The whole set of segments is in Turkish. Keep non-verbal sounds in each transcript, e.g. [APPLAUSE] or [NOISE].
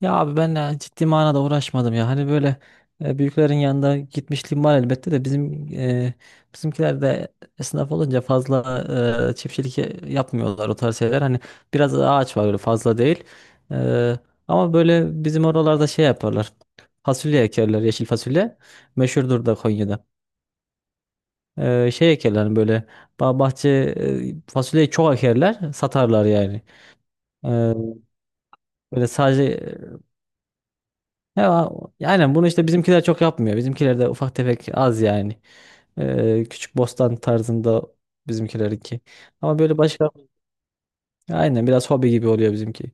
Ya abi ben ciddi manada uğraşmadım ya. Hani böyle büyüklerin yanında gitmişliğim var elbette de bizimkiler de esnaf olunca fazla çiftçilik yapmıyorlar o tarz şeyler. Hani biraz ağaç var öyle fazla değil. E, Ama böyle bizim oralarda şey yaparlar. Fasulye ekerler, yeşil fasulye. Meşhurdur da Konya'da. Şey ekerler hani böyle bahçe, fasulyeyi çok ekerler, satarlar yani. E, böyle sadece Ya, yani bunu işte bizimkiler çok yapmıyor. Bizimkiler de ufak tefek az yani. Küçük bostan tarzında bizimkilerinki. Ama böyle başka aynen biraz hobi gibi oluyor bizimki.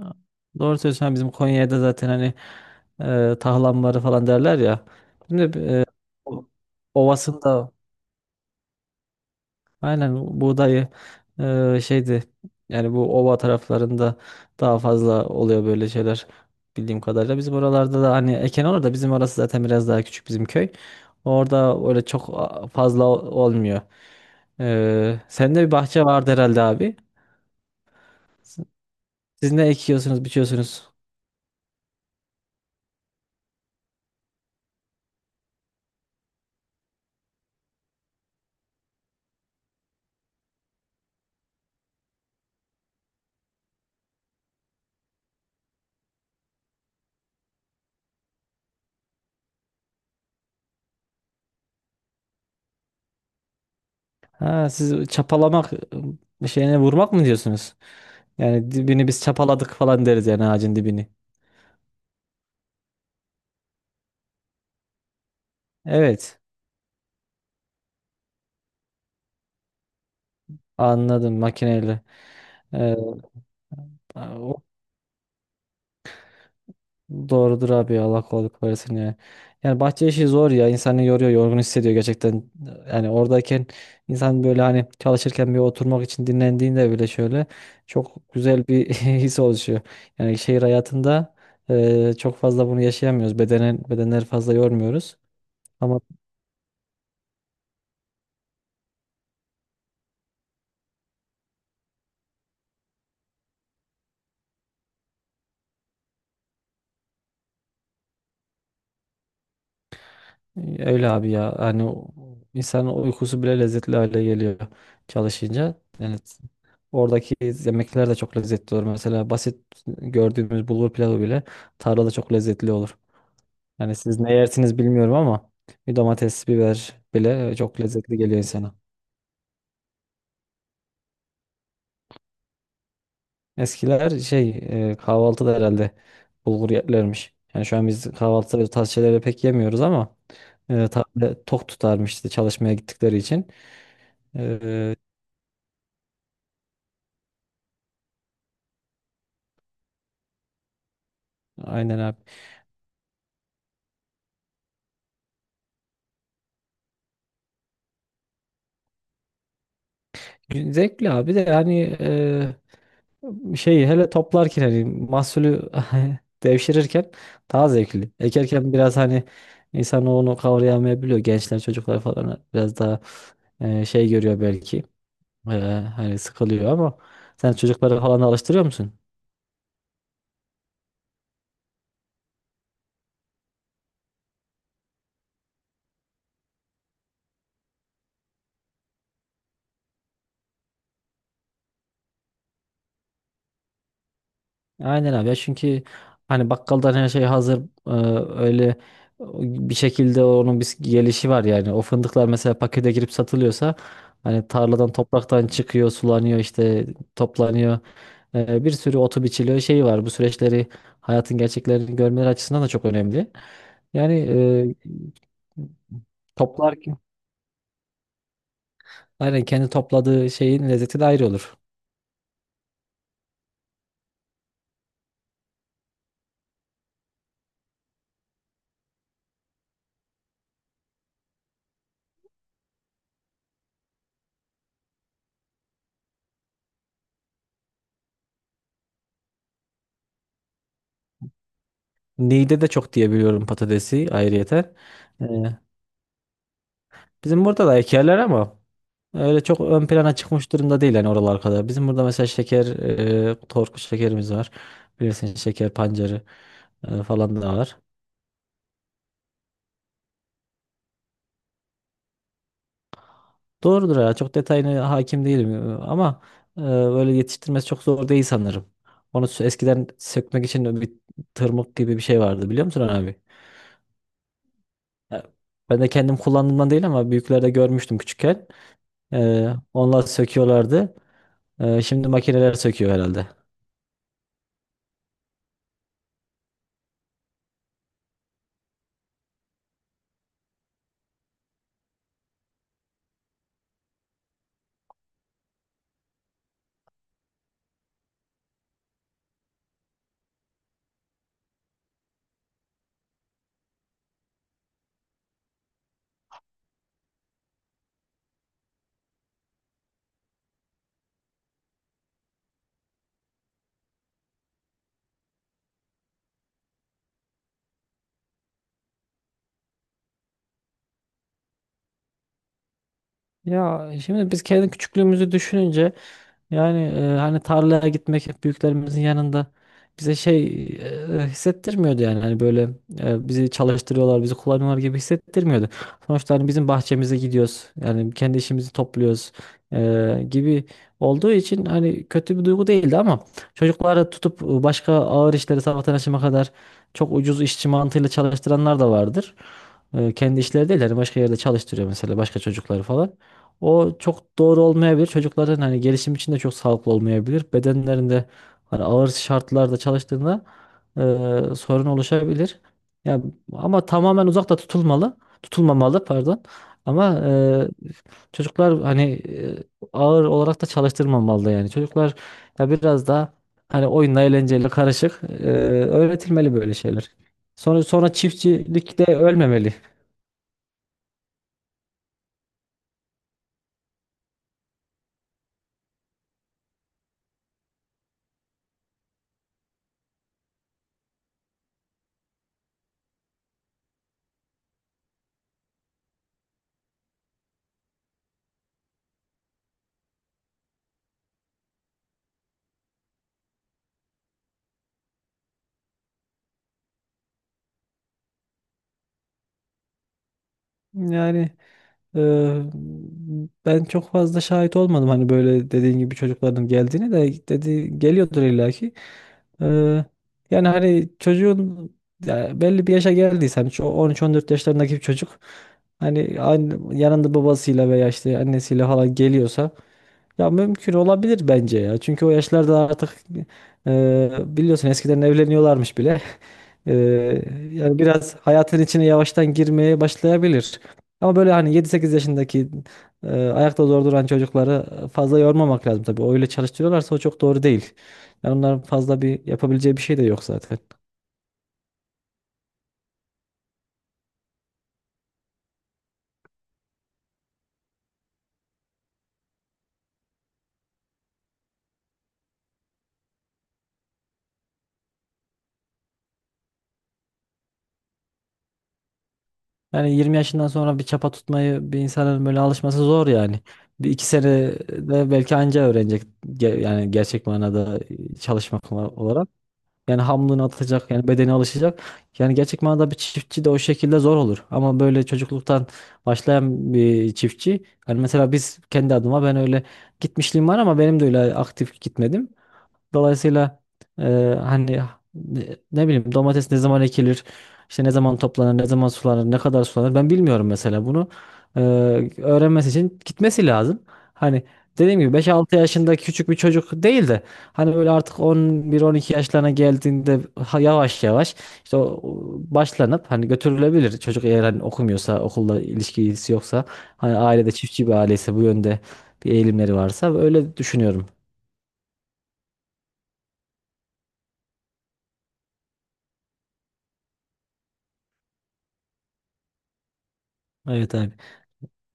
Aa, Doğru söylüyorsun. Hani bizim Konya'da zaten hani tahlamları falan derler ya. Şimdi o- ovasında. Aynen buğdayı şeydi yani bu ova taraflarında daha fazla oluyor böyle şeyler bildiğim kadarıyla. Bizim oralarda da hani eken olur da bizim orası zaten biraz daha küçük bizim köy. Orada öyle çok fazla olmuyor. Sende bir bahçe vardı herhalde abi. Siz ne ekiyorsunuz, biçiyorsunuz? Ha, siz çapalamak, şeyine vurmak mı diyorsunuz? Yani dibini biz çapaladık falan deriz yani ağacın dibini. Evet, anladım makineyle. Eee, Doğrudur abi ya, Allah kolaylık versin ya. Yani bahçe işi zor ya, insanı yoruyor, yorgun hissediyor gerçekten. Yani oradayken insan böyle hani çalışırken bir oturmak için dinlendiğinde bile şöyle çok güzel bir [LAUGHS] his oluşuyor. Yani şehir hayatında çok fazla bunu yaşayamıyoruz. Bedenleri fazla yormuyoruz. Ama Öyle abi ya. Hani insanın uykusu bile lezzetli hale geliyor çalışınca. Yani oradaki yemekler de çok lezzetli olur. Mesela basit gördüğümüz bulgur pilavı bile tarlada çok lezzetli olur. Yani siz ne yersiniz bilmiyorum ama bir domates, biber bile, çok lezzetli geliyor insana. Eskiler şey, kahvaltıda herhalde bulgur yerlermiş. Yani şu an biz kahvaltıda bu tarz şeyleri pek yemiyoruz ama tarla tok tutarmıştı çalışmaya gittikleri için. E, aynen abi. Zevkli abi de yani, şey hele toplarken hani mahsulü [LAUGHS] devşirirken daha zevkli. Ekerken biraz hani insan onu kavrayamayabiliyor. Gençler çocuklar falan biraz daha şey görüyor belki. E, Hani sıkılıyor ama sen çocukları falan da alıştırıyor musun? Aynen abi ya, çünkü hani bakkaldan her şey hazır e, öyle bir şekilde onun bir gelişi var yani. O fındıklar mesela pakete girip satılıyorsa, hani tarladan topraktan çıkıyor, sulanıyor işte, toplanıyor. Bir sürü otu biçiliyor şeyi var, bu süreçleri hayatın gerçeklerini görmeleri açısından da çok önemli yani, toplar, aynen kendi topladığı şeyin lezzeti de ayrı olur. Niğde de çok diye biliyorum patatesi ayrıyeten. E, Bizim burada da ekerler ama. Öyle çok ön plana çıkmış durumda değil yani oralar kadar. Bizim burada mesela şeker, torku şekerimiz var. Bilirsin şeker pancarı, falan da var. Doğrudur ya, çok detayına hakim değilim, ama böyle yetiştirmesi çok zor değil sanırım. Onu eskiden sökmek için bir tırmık gibi bir şey vardı, biliyor musun abi? Ya, ben de kendim kullandığımdan değil ama büyüklerde görmüştüm küçükken. E, Onlar söküyorlardı. Şimdi makineler söküyor herhalde. Ya şimdi biz kendi küçüklüğümüzü düşününce yani hani tarlaya gitmek hep büyüklerimizin yanında bize şey, hissettirmiyordu yani, hani böyle, bizi çalıştırıyorlar, bizi kullanıyorlar gibi hissettirmiyordu. Sonuçta hani bizim bahçemize gidiyoruz, yani kendi işimizi topluyoruz, gibi olduğu için hani kötü bir duygu değildi ama çocukları tutup başka ağır işleri sabahtan akşama kadar çok ucuz işçi mantığıyla çalıştıranlar da vardır. Kendi işleri değil yani, başka yerde çalıştırıyor mesela başka çocukları falan. O çok doğru olmayabilir. Çocukların hani gelişim için de çok sağlıklı olmayabilir. Bedenlerinde hani ağır şartlarda çalıştığında sorun oluşabilir. Ya ama tamamen uzakta tutulmalı, tutulmamalı pardon. Ama çocuklar hani e, ağır olarak da çalıştırmamalı yani. Çocuklar ya biraz daha hani oyunla eğlenceyle karışık, öğretilmeli böyle şeyler. Sonra çiftçilikte ölmemeli. Yani. Ee, Ben çok fazla şahit olmadım hani, böyle dediğin gibi çocukların geldiğini de, dedi, geliyordur illaki. Ee, Yani hani çocuğun, ya belli bir yaşa geldiyse, hani 13-14 yaşlarındaki bir çocuk hani yanında babasıyla veya işte annesiyle falan geliyorsa ya mümkün olabilir bence ya. Çünkü o yaşlarda artık biliyorsun eskiden evleniyorlarmış bile. [LAUGHS] E, Yani biraz hayatın içine yavaştan girmeye başlayabilir. Ama böyle hani 7-8 yaşındaki ayakta zor duran çocukları fazla yormamak lazım tabii. Öyle çalıştırıyorlarsa o çok doğru değil. Yani onların fazla bir yapabileceği bir şey de yok zaten. Yani 20 yaşından sonra bir çapa tutmayı bir insanın böyle alışması zor yani. Bir iki sene de belki anca öğrenecek yani gerçek manada çalışmak olarak. Yani hamlını atacak yani, bedeni alışacak. Yani gerçek manada bir çiftçi de o şekilde zor olur. Ama böyle çocukluktan başlayan bir çiftçi. Yani mesela biz kendi adıma, ben öyle gitmişliğim var ama benim de öyle aktif gitmedim. Dolayısıyla e, hani ne bileyim, domates ne zaman ekilir, işte ne zaman toplanır, ne zaman sulanır, ne kadar sulanır, ben bilmiyorum mesela bunu. E, Öğrenmesi için gitmesi lazım. Hani dediğim gibi 5-6 yaşında küçük bir çocuk değil de hani böyle artık 11-12 yaşlarına geldiğinde yavaş yavaş işte o başlanıp hani götürülebilir. Çocuk eğer hani okumuyorsa, okulda ilişkisi yoksa, hani ailede çiftçi bir aileyse, bu yönde bir eğilimleri varsa, öyle düşünüyorum. Evet abi.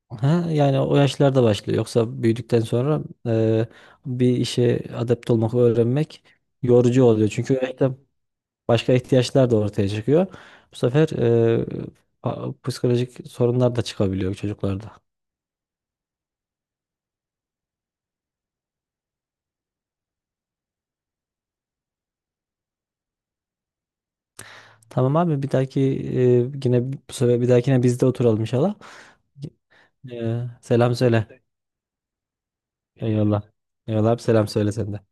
Ha, yani o yaşlarda başlıyor. Yoksa büyüdükten sonra bir işe adept olmak, öğrenmek yorucu oluyor. Çünkü o yaşta başka ihtiyaçlar da ortaya çıkıyor. Bu sefer e, psikolojik sorunlar da çıkabiliyor çocuklarda. Tamam abi, bir dahaki yine, bu sefer bir dahakine biz de oturalım inşallah. Selam söyle. Eyvallah. Eyvallah abi, selam söyle sen de.